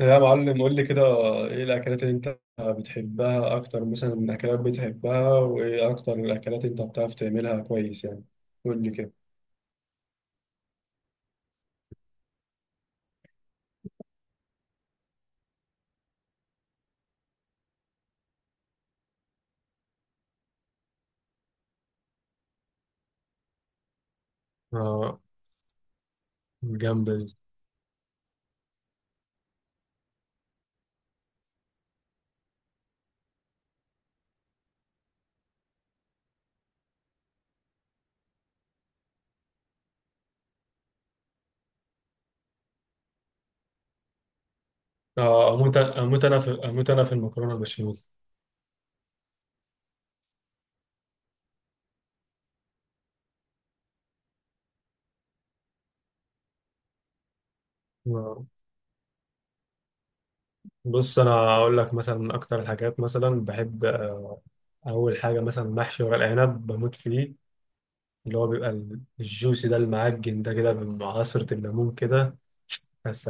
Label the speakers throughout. Speaker 1: يا معلم، قول لي كده. ايه الاكلات اللي انت بتحبها اكتر مثلا من اكلات بتحبها، وايه اكتر الاكلات انت بتعرف تعملها كويس يعني؟ قول لي كده. اه، جامدة دي. اه، اموت اموت، انا في المكرونة البشاميل. آه، بص، انا اقول لك مثلا من اكتر الحاجات مثلا بحب، اول حاجة مثلا محشي ورق العنب بموت فيه، اللي هو بيبقى الجوسي ده المعجن ده كده مع عصرة الليمون كده. بس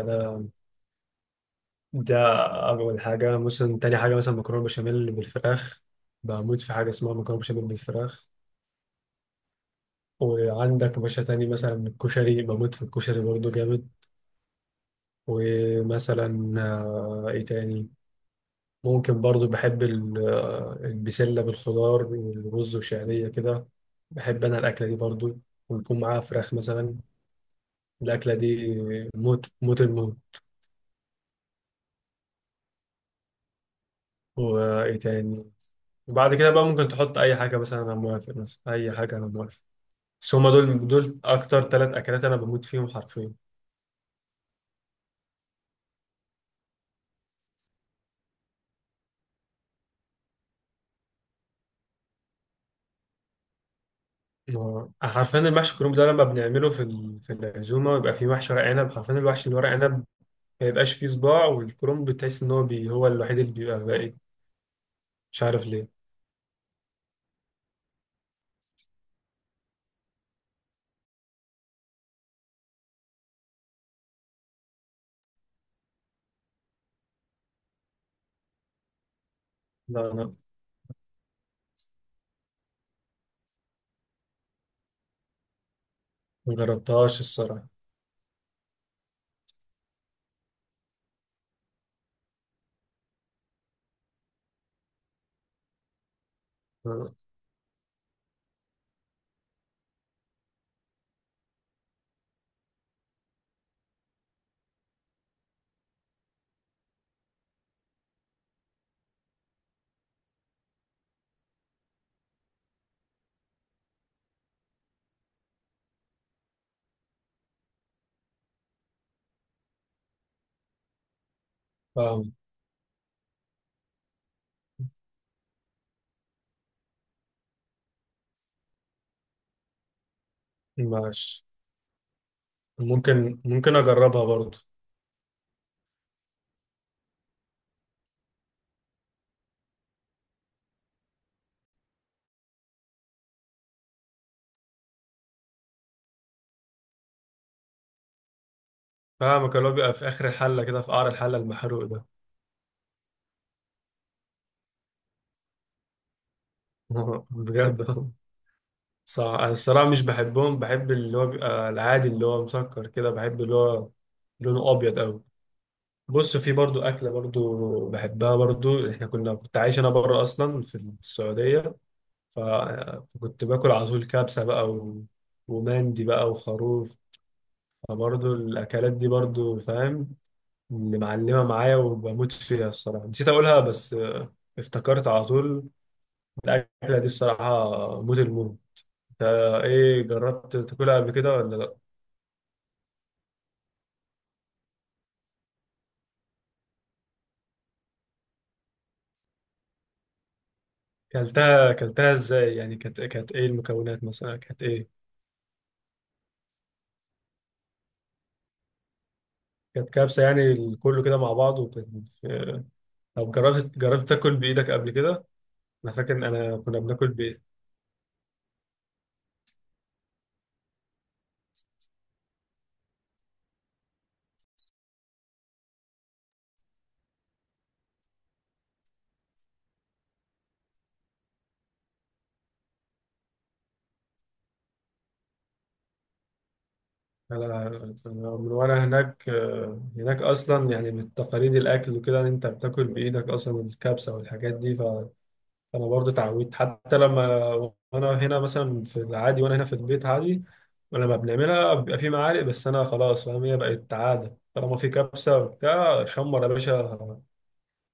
Speaker 1: ده أول حاجة. مثلا تاني حاجة مثلا مكرونة بشاميل بالفراخ، بموت في حاجة اسمها مكرونة بشاميل بالفراخ. وعندك باشا تاني مثلا الكشري، بموت في الكشري برضه جامد. ومثلا إيه تاني؟ ممكن برضه بحب البسلة بالخضار والرز وشعرية كده، بحب أنا الأكلة دي برضه، ويكون معاها فراخ مثلا. الأكلة دي موت موت الموت. وإيه تاني؟ وبعد كده بقى ممكن تحط أي حاجة، مثلا أنا موافق، مثلا أي حاجة أنا موافق. بس هما دول، اكتر ثلاث اكلات انا بموت فيهم حرفيا. حرفيا المحشي الكرنب ده لما بنعمله في في العزومه بيبقى فيه محشي ورق عنب، حرفيا الوحش اللي ورق عنب ما يبقاش فيه صباع، والكرنب بتحس ان هو هو الوحيد اللي بيبقى باقي. مش عارف ليه. لا انا ما جربتهاش الصراحه. فاهم. ماشي. ممكن اجربها برضه. فاهمك، اللي هو بيبقى في اخر الحله كده، في قعر الحله المحروق ده. بجد. صح. انا الصراحه مش بحبهم، بحب اللي هو بيبقى العادي اللي هو مسكر كده، بحب اللي هو لونه ابيض قوي. بص، في برضو اكله برضو بحبها برضو، احنا كنت عايش انا بره اصلا في السعوديه، ف- فكنت باكل على طول كبسه بقى ومندي بقى وخروف. فبرضو الاكلات دي برضو فاهم، اللي معلمه معايا وبموت فيها الصراحه. نسيت اقولها بس افتكرت على طول. الاكله دي الصراحه موت الموت. انت ايه، جربت تاكلها قبل كده ولا لا؟ كلتها، ازاي يعني؟ كانت، ايه المكونات مثلا؟ كانت ايه؟ كانت كبسة يعني، كله كده مع بعض، طب جربت، تاكل بايدك قبل كده؟ انا فاكر ان انا كنا بناكل بايد. انا من وانا هناك، هناك اصلا يعني بالتقاليد الاكل وكده، إن انت بتاكل بايدك اصلا الكبسة والحاجات دي. انا برضه اتعودت، حتى لما وانا هنا مثلا في العادي، وانا هنا في البيت عادي، لما بنعملها بيبقى في معالق. بس انا خلاص فاهم، هي بقت عاده. طالما في كبسه وبتاع، شمر يا باشا،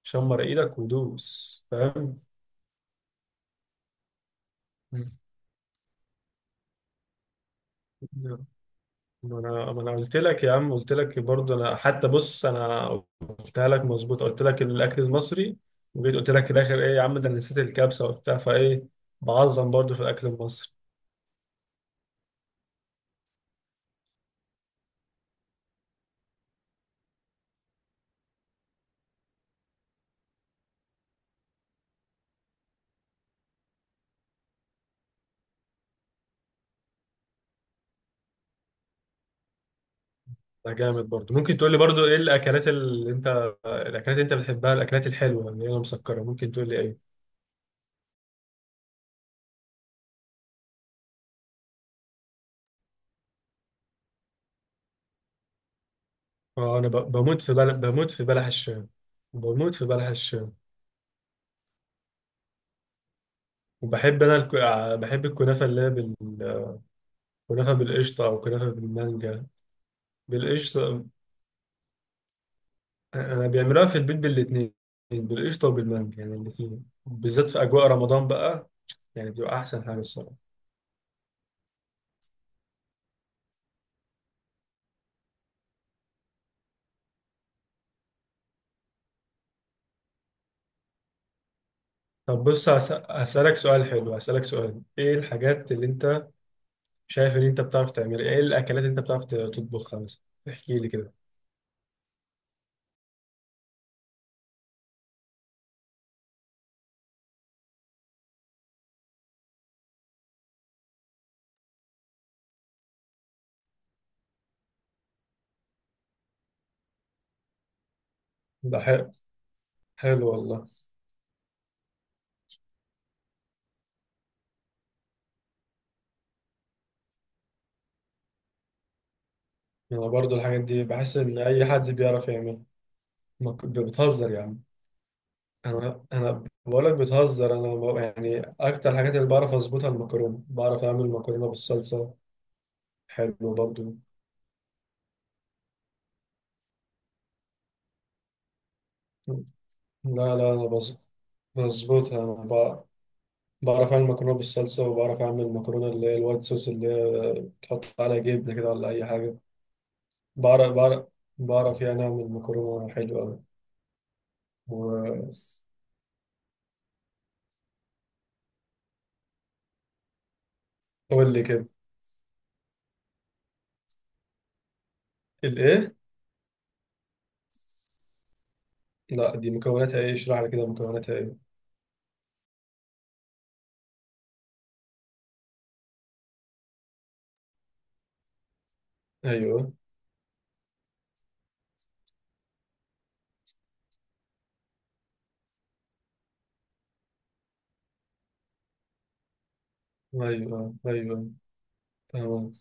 Speaker 1: شمر ايدك ودوس فاهم. ما انا قلت لك يا عم، قلت لك برضه انا، حتى بص انا قلتها لك مظبوط، قلت لك الاكل المصري. وجيت قلت لك في الاخر، ايه يا عم ده، أنا نسيت الكبسه وبتاع فايه، بعظم برضه في الاكل المصري. ده جامد برضه. ممكن تقول لي برضه ايه الاكلات اللي انت، الاكلات اللي انت بتحبها الاكلات الحلوه اللي هي مسكره؟ ممكن تقول لي ايه؟ اه، بموت في بلح، بموت في بلح الشام، بموت في بلح الشام. وبحب انا بحب الكنافه اللي هي كنافه بالقشطه او كنافه بالمانجا. بالقشطه. انا بيعملوها في البيت بالاثنين، بالقشطه وبالمانجا، يعني الاثنين بالذات في اجواء رمضان بقى. يعني بتبقى احسن حاجه الصراحه. طب بص، هسألك سؤال حلو، هسألك سؤال، ايه الحاجات اللي انت شايف ان انت بتعرف تعمل، ايه الاكلات اللي انت بتعرف تطبخها مثلا؟ احكي لي كده. ده حلو. حلو والله. انا برضو الحاجات دي بحس ان اي حد بيعرف يعمل. ما ك- بتهزر يا عم. انا بقول لك بتهزر، انا يعني اكتر الحاجات اللي بعرف اظبطها المكرونه، بعرف اعمل مكرونه بالصلصه. حلو برضو. لا لا، انا بظبطها، انا بعرف اعمل مكرونه بالصلصه، وبعرف اعمل مكرونه اللي هي الوايت صوص، اللي هي تحط عليها جبنه كده ولا اي حاجه. بعرف بعرف بعرف يعني أعمل مكرونة حلوة أوي. و- قول لي كده. الإيه؟ لا، دي مكوناتها إيه؟ اشرح لي كده، مكوناتها إيه؟ أيوه أيوه. أيوه تمام.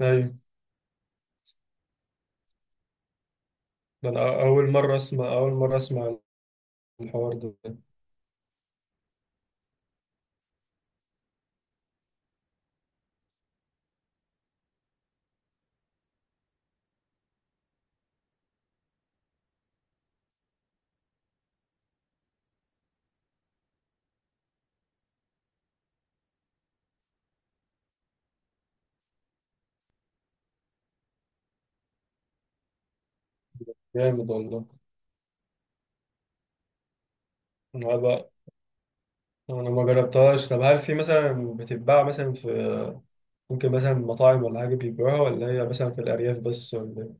Speaker 1: أيوه. ده أنا أول مرة أسمع، أول مرة أسمع الحوار ده. جامد والله. أنا بقى أنا ما جربتهاش. طب هل في مثلا بتتباع مثلا في، ممكن مثلا مطاعم ولا حاجة بيبيعوها، ولا هي مثلا في الأرياف بس، ولا إيه؟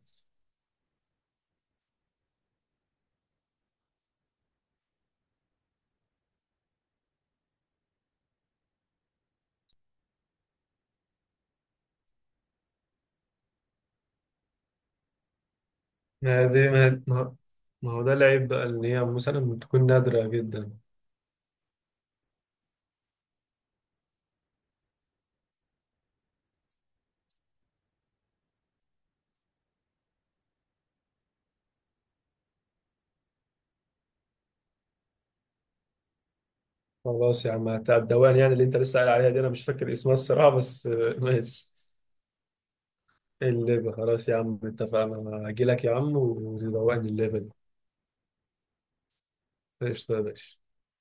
Speaker 1: ما هي دي، ما هو ده العيب بقى إن هي مثلا تكون نادرة جدا. خلاص يا عم بتاع الدوان، يعني اللي انت لسه قايل عليها دي انا مش فاكر اسمها الصراحه بس ماشي. الليبه، خلاص يا عم اتفقنا، انا هجي لك يا عم وروقني الليبه دي. ايش؟